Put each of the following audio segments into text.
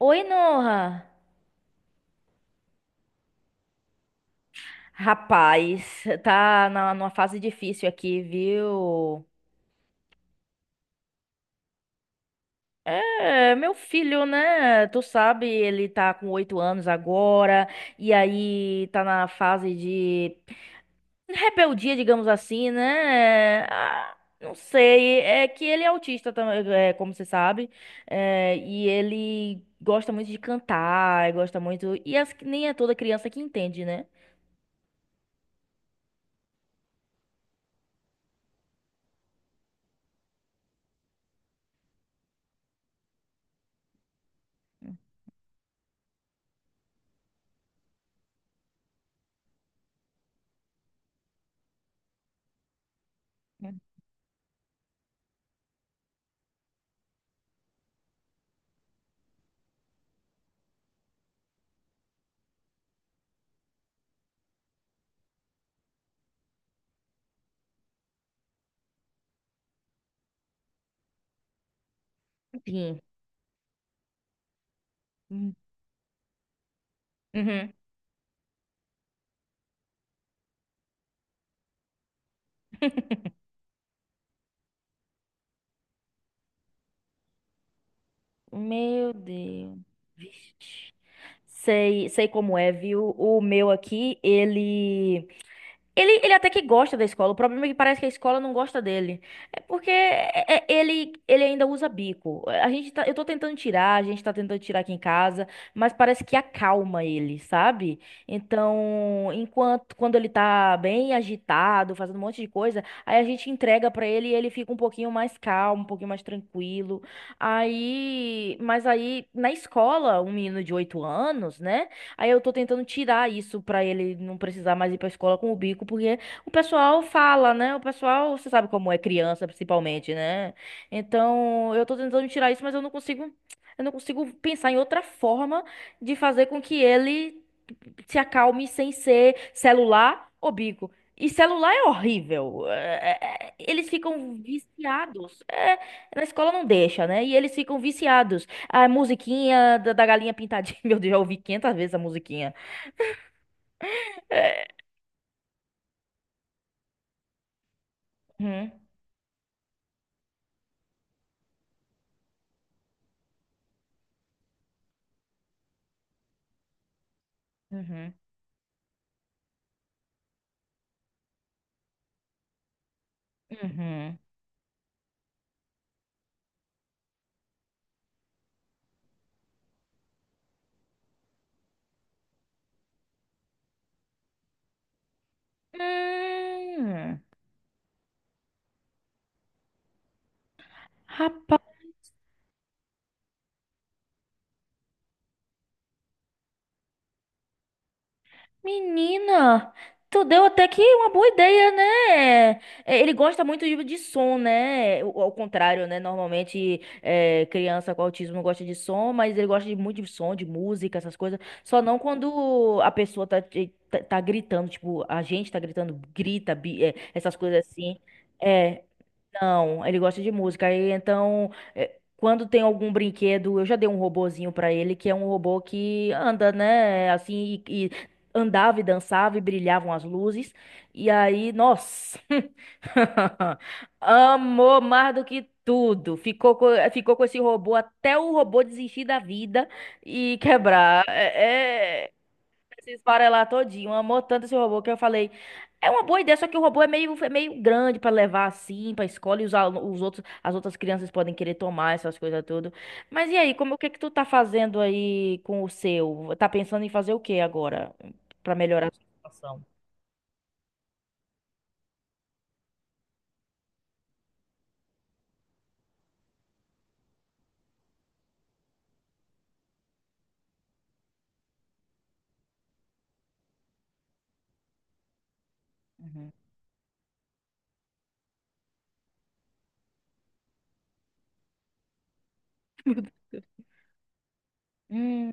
Oi, Noha. Rapaz, tá numa fase difícil aqui, viu? É, meu filho, né? Tu sabe, ele tá com oito anos agora, e aí tá na fase de rebeldia, digamos assim, né? Ah, não sei, é que ele é autista também, como você sabe, e ele gosta muito de cantar, gosta muito. E nem é toda criança que entende, né? Enfim. Uhum. Meu Deus. Vixe. Sei, sei como é, viu? O meu aqui, ele. Ele até que gosta da escola, o problema é que parece que a escola não gosta dele. É porque ele, ele ainda usa bico. A gente tá, eu tô tentando tirar, a gente tá tentando tirar aqui em casa, mas parece que acalma ele, sabe? Então, enquanto quando ele tá bem agitado, fazendo um monte de coisa, aí a gente entrega pra ele e ele fica um pouquinho mais calmo, um pouquinho mais tranquilo. Aí, mas aí na escola, um menino de 8 anos, né? Aí eu tô tentando tirar isso pra ele não precisar mais ir pra escola com o bico, porque o pessoal fala, né? O pessoal, você sabe como é criança, principalmente, né? Então, eu tô tentando tirar isso, mas eu não consigo pensar em outra forma de fazer com que ele se acalme sem ser celular ou bico. E celular é horrível. Eles ficam viciados. Na escola não deixa, né? E eles ficam viciados. A musiquinha da galinha pintadinha. Meu Deus, já ouvi 500 vezes a musiquinha. Uhum, uhum, uhum. Hum, rapaz, menina, tu deu até que uma boa ideia, né? É, ele gosta muito de som, né? O- Ao contrário, né? Normalmente, é, criança com autismo gosta de som, mas ele gosta de muito de som, de música, essas coisas. Só não quando a pessoa tá, tá gritando, tipo, a gente tá gritando, grita, essas coisas assim. É, não, ele gosta de música. Aí, então, é, quando tem algum brinquedo, eu já dei um robozinho pra ele, que é um robô que anda, né? Assim, e andava e dançava e brilhavam as luzes. E aí, nossa, amou mais do que tudo. Ficou com esse robô até o robô desistir da vida e quebrar. Se esfarelar todinho. Amou tanto esse robô que eu falei, é uma boa ideia, só que o robô é meio grande pra levar assim, pra escola, e os outros, as outras crianças podem querer tomar essas coisas tudo. Mas e aí, como o que que tu tá fazendo aí com o seu? Tá pensando em fazer o que agora pra melhorar a sua situação? Uhum. Hum,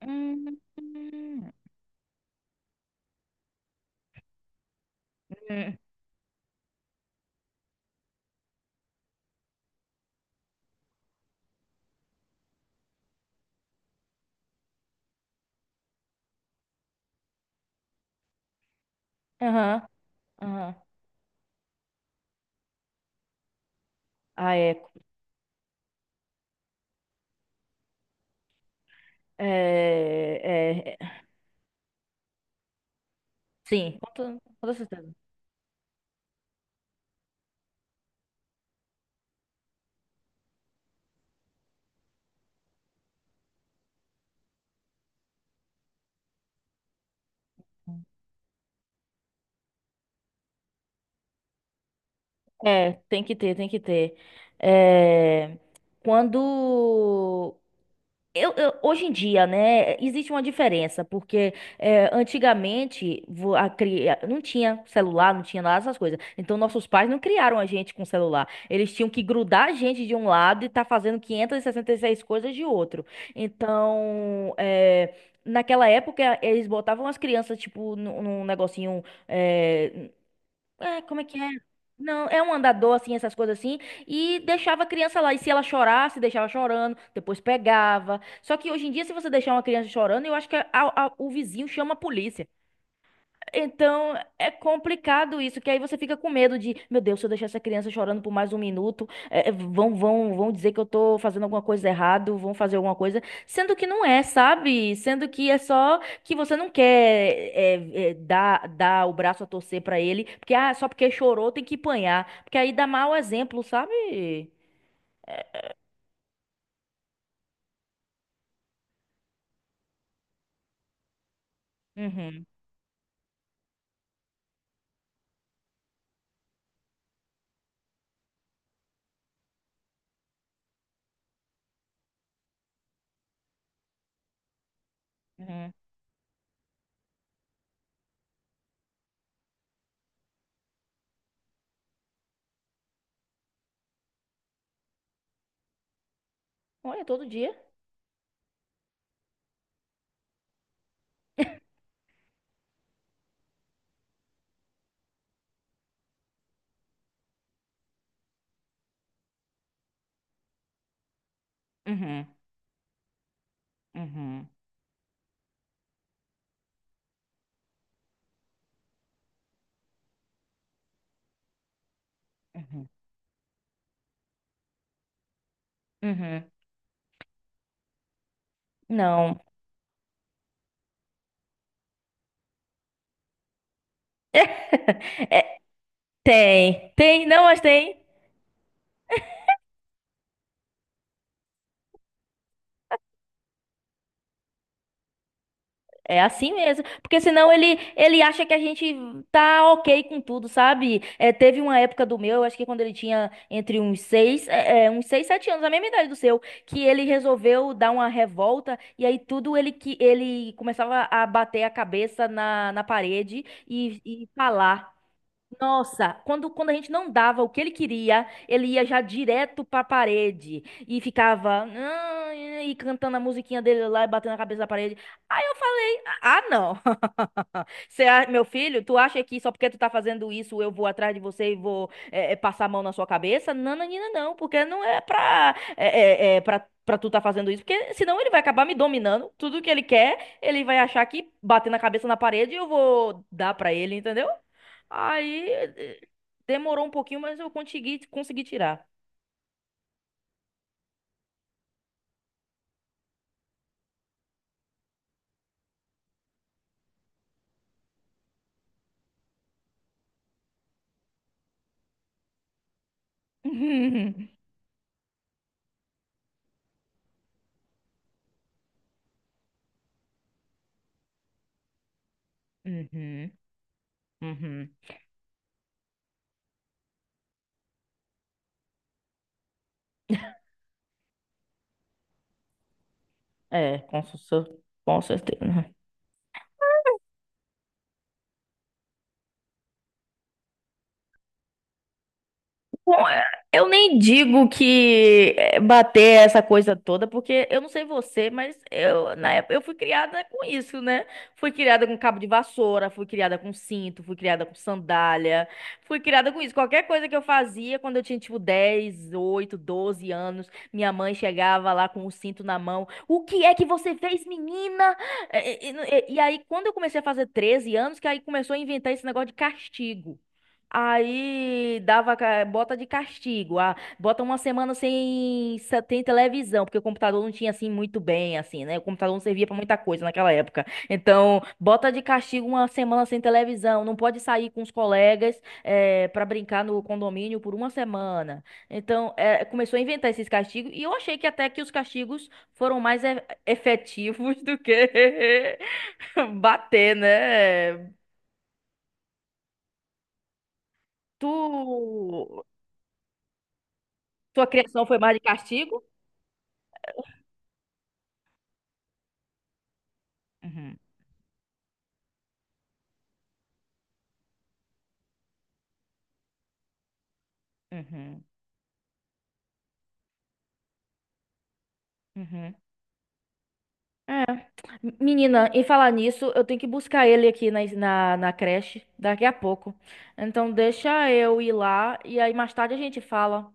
hum, hum, hum. Aham, aham. Ah, é. É, é, é. Sim, com toda certeza. É, tem que ter, tem que ter. É, quando. Hoje em dia, né, existe uma diferença, porque é, antigamente não tinha celular, não tinha nada dessas coisas. Então, nossos pais não criaram a gente com celular. Eles tinham que grudar a gente de um lado e tá fazendo 566 coisas de outro. Então, é, naquela época, eles botavam as crianças, tipo, num negocinho. Como é que é? Não, é um andador, assim, essas coisas assim. E deixava a criança lá. E se ela chorasse, deixava chorando. Depois pegava. Só que hoje em dia, se você deixar uma criança chorando, eu acho que o vizinho chama a polícia. Então é complicado isso, que aí você fica com medo de, meu Deus, se eu deixar essa criança chorando por mais um minuto, vão dizer que eu tô fazendo alguma coisa errado, vão fazer alguma coisa, sendo que não é, sabe? Sendo que é só que você não quer dar o braço a torcer pra ele, porque ah, só porque chorou tem que apanhar, porque aí dá mau exemplo, sabe? Uhum, uhum. Olha, todo dia. Uhum, uhum, uhum, uhum. Não. Tem, tem, não, mas tem. É assim mesmo, porque senão ele acha que a gente tá ok com tudo, sabe? É, teve uma época do meu, eu acho que quando ele tinha entre uns seis, uns seis, sete anos, a mesma idade do seu, que ele resolveu dar uma revolta e aí tudo ele que ele começava a bater a cabeça na parede e falar. Nossa, quando a gente não dava o que ele queria, ele ia já direto pra parede e ficava "Ah", e cantando a musiquinha dele lá e batendo a cabeça na parede. Aí eu falei, ah, não. Meu filho, tu acha que só porque tu tá fazendo isso eu vou atrás de você e vou passar a mão na sua cabeça? Não, não, não, não, porque não é pra, pra tu tá fazendo isso, porque senão ele vai acabar me dominando. Tudo que ele quer, ele vai achar que bater na cabeça na parede e eu vou dar pra ele, entendeu? Aí eh, demorou um pouquinho, mas eu consegui, consegui tirar. Uhum, uhum. É, com, cer- com certeza. Bom, é, eu nem digo que é, bater essa coisa toda, porque eu não sei você, mas eu na época eu fui criada com isso, né? Fui criada com cabo de vassoura, fui criada com cinto, fui criada com sandália, fui criada com isso. Qualquer coisa que eu fazia quando eu tinha tipo 10, 8, 12 anos, minha mãe chegava lá com o cinto na mão. O que é que você fez, menina? É, é, e aí quando eu comecei a fazer 13 anos, que aí começou a inventar esse negócio de castigo. Aí dava, bota de castigo, ah, bota uma semana sem televisão, porque o computador não tinha assim muito bem, assim, né? O computador não servia pra muita coisa naquela época. Então, bota de castigo uma semana sem televisão, não pode sair com os colegas pra brincar no condomínio por uma semana. Então, começou a inventar esses castigos e eu achei que até que os castigos foram mais efetivos do que bater, né? Tu. Sua criação foi mais de castigo? Uhum, uhum, uhum. É. Menina, em falar nisso, eu tenho que buscar ele aqui na creche daqui a pouco. Então, deixa eu ir lá e aí mais tarde a gente fala.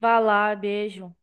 Vá lá, beijo.